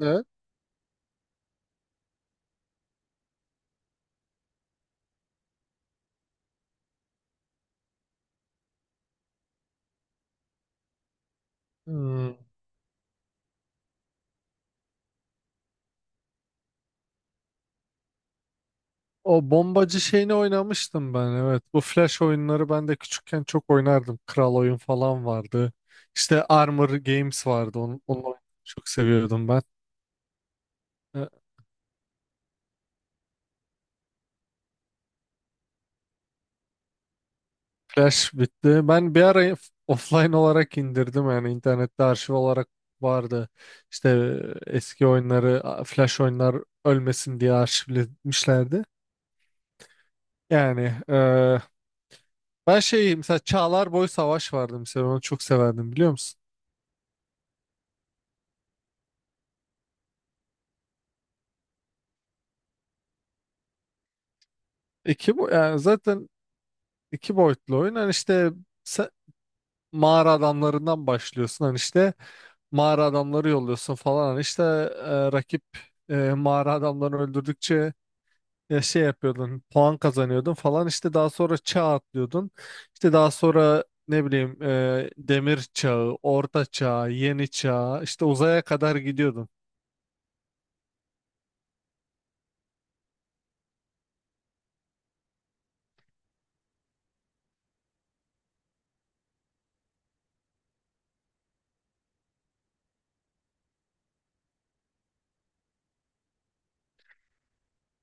Evet. Hmm. O bombacı şeyini oynamıştım ben, evet. Bu Flash oyunları ben de küçükken çok oynardım. Kral oyun falan vardı. İşte Armor Games vardı. Onu oynamayı çok seviyordum ben. E, Flash bitti. Ben bir ara offline olarak indirdim, yani internette arşiv olarak vardı. İşte eski oyunları Flash oyunlar ölmesin diye arşivlemişlerdi. Yani ben şey, mesela Çağlar Boy Savaş vardı mesela, onu çok severdim, biliyor musun? İki bu yani zaten iki boyutlu oyun. Hani işte se- mağara adamlarından başlıyorsun. Hani işte mağara adamları yolluyorsun falan. Hani işte rakip mağara adamlarını öldürdükçe şey yapıyordun. Puan kazanıyordun falan. İşte daha sonra çağ atlıyordun. İşte daha sonra ne bileyim demir çağı, orta çağ, yeni çağ, işte uzaya kadar gidiyordun.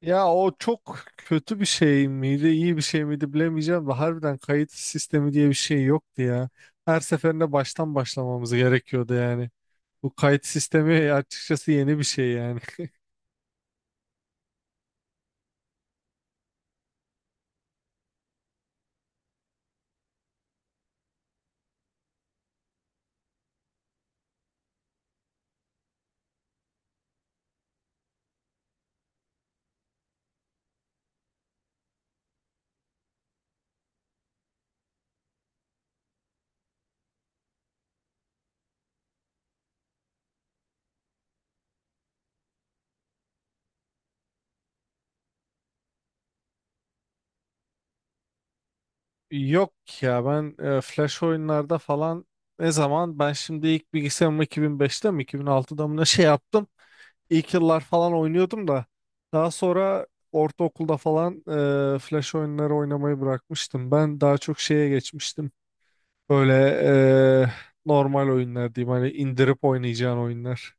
Ya o çok kötü bir şey miydi, iyi bir şey miydi bilemeyeceğim de harbiden kayıt sistemi diye bir şey yoktu ya. Her seferinde baştan başlamamız gerekiyordu yani. Bu kayıt sistemi açıkçası yeni bir şey yani. Yok ya, ben flash oyunlarda falan ne zaman ben şimdi ilk bilgisayarımı 2005'te mi 2006'da mı ne şey yaptım. İlk yıllar falan oynuyordum da daha sonra ortaokulda falan flash oyunları oynamayı bırakmıştım. Ben daha çok şeye geçmiştim. Böyle eee, normal oyunlar diyeyim. Hani indirip oynayacağın oyunlar.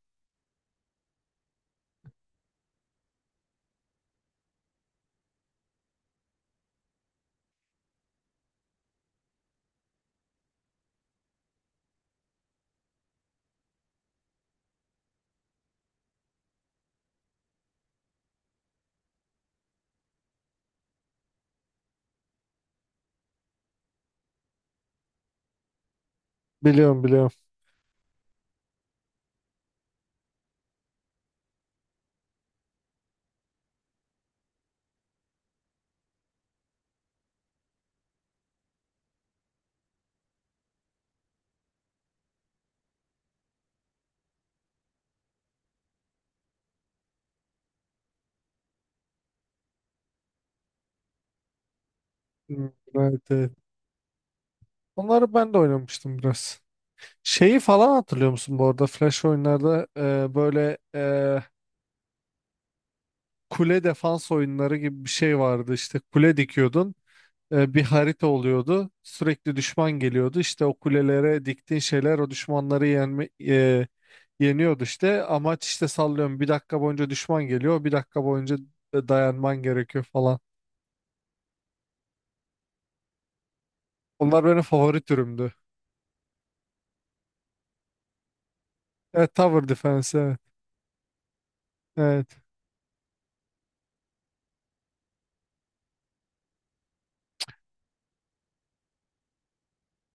Biliyorum, biliyorum. Hmm. Evet, evet. Onları ben de oynamıştım biraz. Şeyi falan hatırlıyor musun bu arada? Flash oyunlarda böyle kule defans oyunları gibi bir şey vardı. İşte kule dikiyordun. Bir harita oluyordu. Sürekli düşman geliyordu. İşte o kulelere diktiğin şeyler o düşmanları yeniyordu işte. Amaç işte, sallıyorum, bir dakika boyunca düşman geliyor. Bir dakika boyunca dayanman gerekiyor falan. Onlar benim favori türümdü. Evet, Tower Defense, evet. Evet.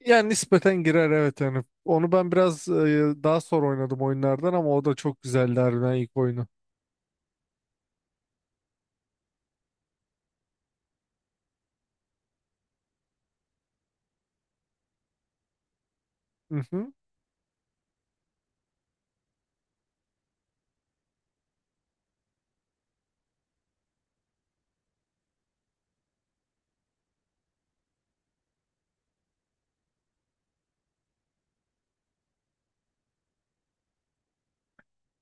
Yani nispeten girer, evet yani. Onu ben biraz daha sonra oynadım oyunlardan ama o da çok güzeldi harbiden, ilk oyunu. Hı hı.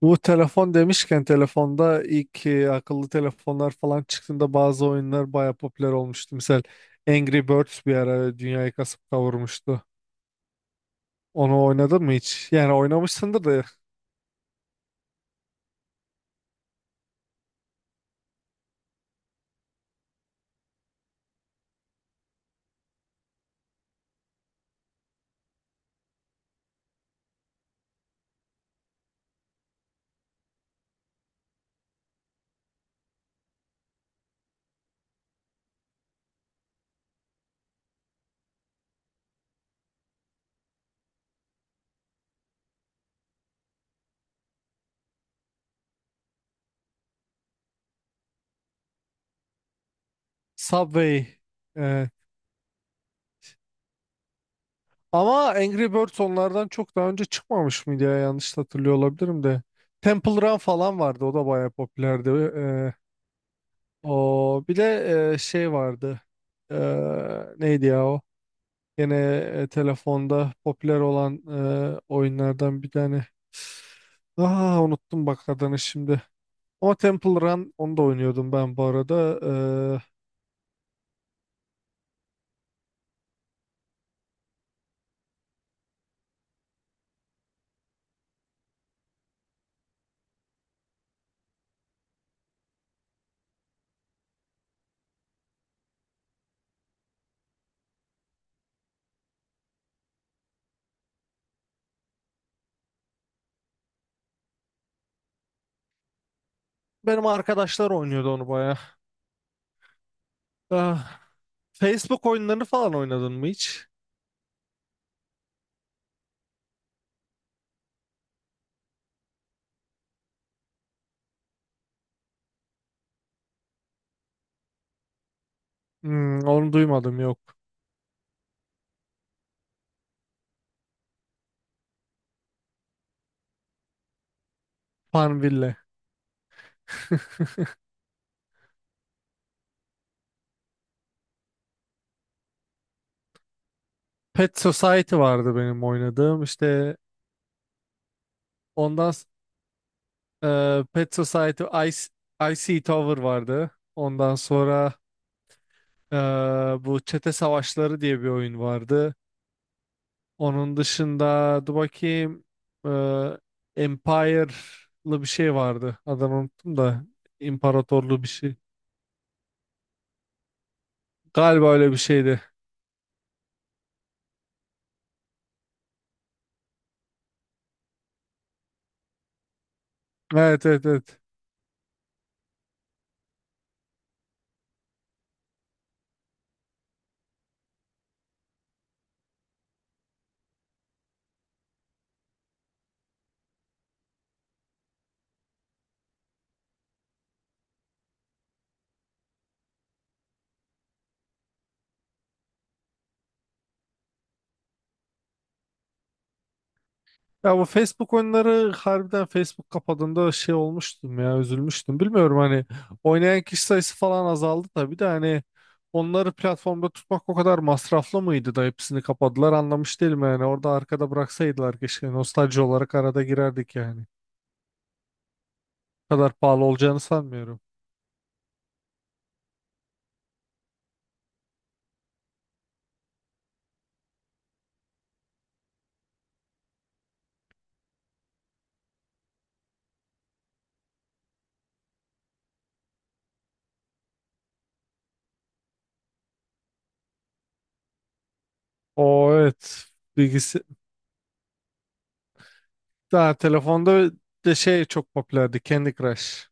Bu telefon demişken, telefonda ilk akıllı telefonlar falan çıktığında bazı oyunlar baya popüler olmuştu. Mesela Angry Birds bir ara dünyayı kasıp kavurmuştu. Onu oynadın mı hiç? Yani oynamışsındır da. Subway e, ama Angry Birds onlardan çok daha önce çıkmamış mıydı ya? Yanlış hatırlıyor olabilirim de. Temple Run falan vardı. O da bayağı popülerdi. Ee, O bir de şey vardı. Ee, Neydi ya o? Yine telefonda popüler olan oyunlardan bir tane. Ah, unuttum bak adını şimdi. Ama Temple Run, onu da oynuyordum ben bu arada. Ee, Benim arkadaşlar oynuyordu onu bayağı. Ah, Facebook oyunlarını falan oynadın mı hiç? Hmm, onu duymadım, yok. Farmville. Pet Society vardı benim oynadığım. İşte ondan Pet Society, Icy Tower vardı. Ondan sonra e, bu Çete Savaşları diye bir oyun vardı. Onun dışında dur bakayım, e, Empire'lı bir şey vardı. Adını unuttum da, imparatorluğu bir şey. Galiba öyle bir şeydi. Evet, evet, evet. Ya bu Facebook oyunları, harbiden Facebook kapadığında şey olmuştum ya, üzülmüştüm. Bilmiyorum, hani oynayan kişi sayısı falan azaldı tabii de, hani onları platformda tutmak o kadar masraflı mıydı da hepsini kapadılar, anlamış değilim yani. Orada arkada bıraksaydılar keşke, nostalji olarak arada girerdik yani. O kadar pahalı olacağını sanmıyorum. O evet, bilgisi daha telefonda de şey çok popülerdi, Candy Crush.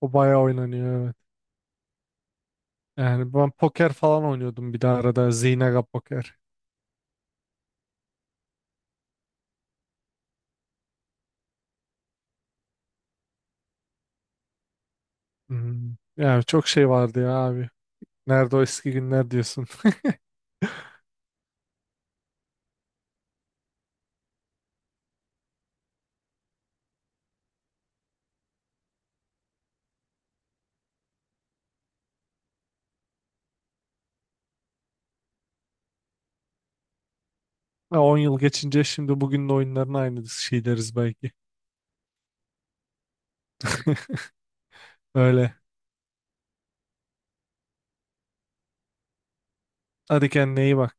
O bayağı oynanıyor, evet. Yani ben poker falan oynuyordum bir de arada, Zynga poker. Hmm. Ya çok şey vardı ya abi. Nerede o eski günler diyorsun. Ha, 10 yıl geçince şimdi bugünün oyunlarına aynı şey deriz belki. Öyle. Hadi kendine iyi bak.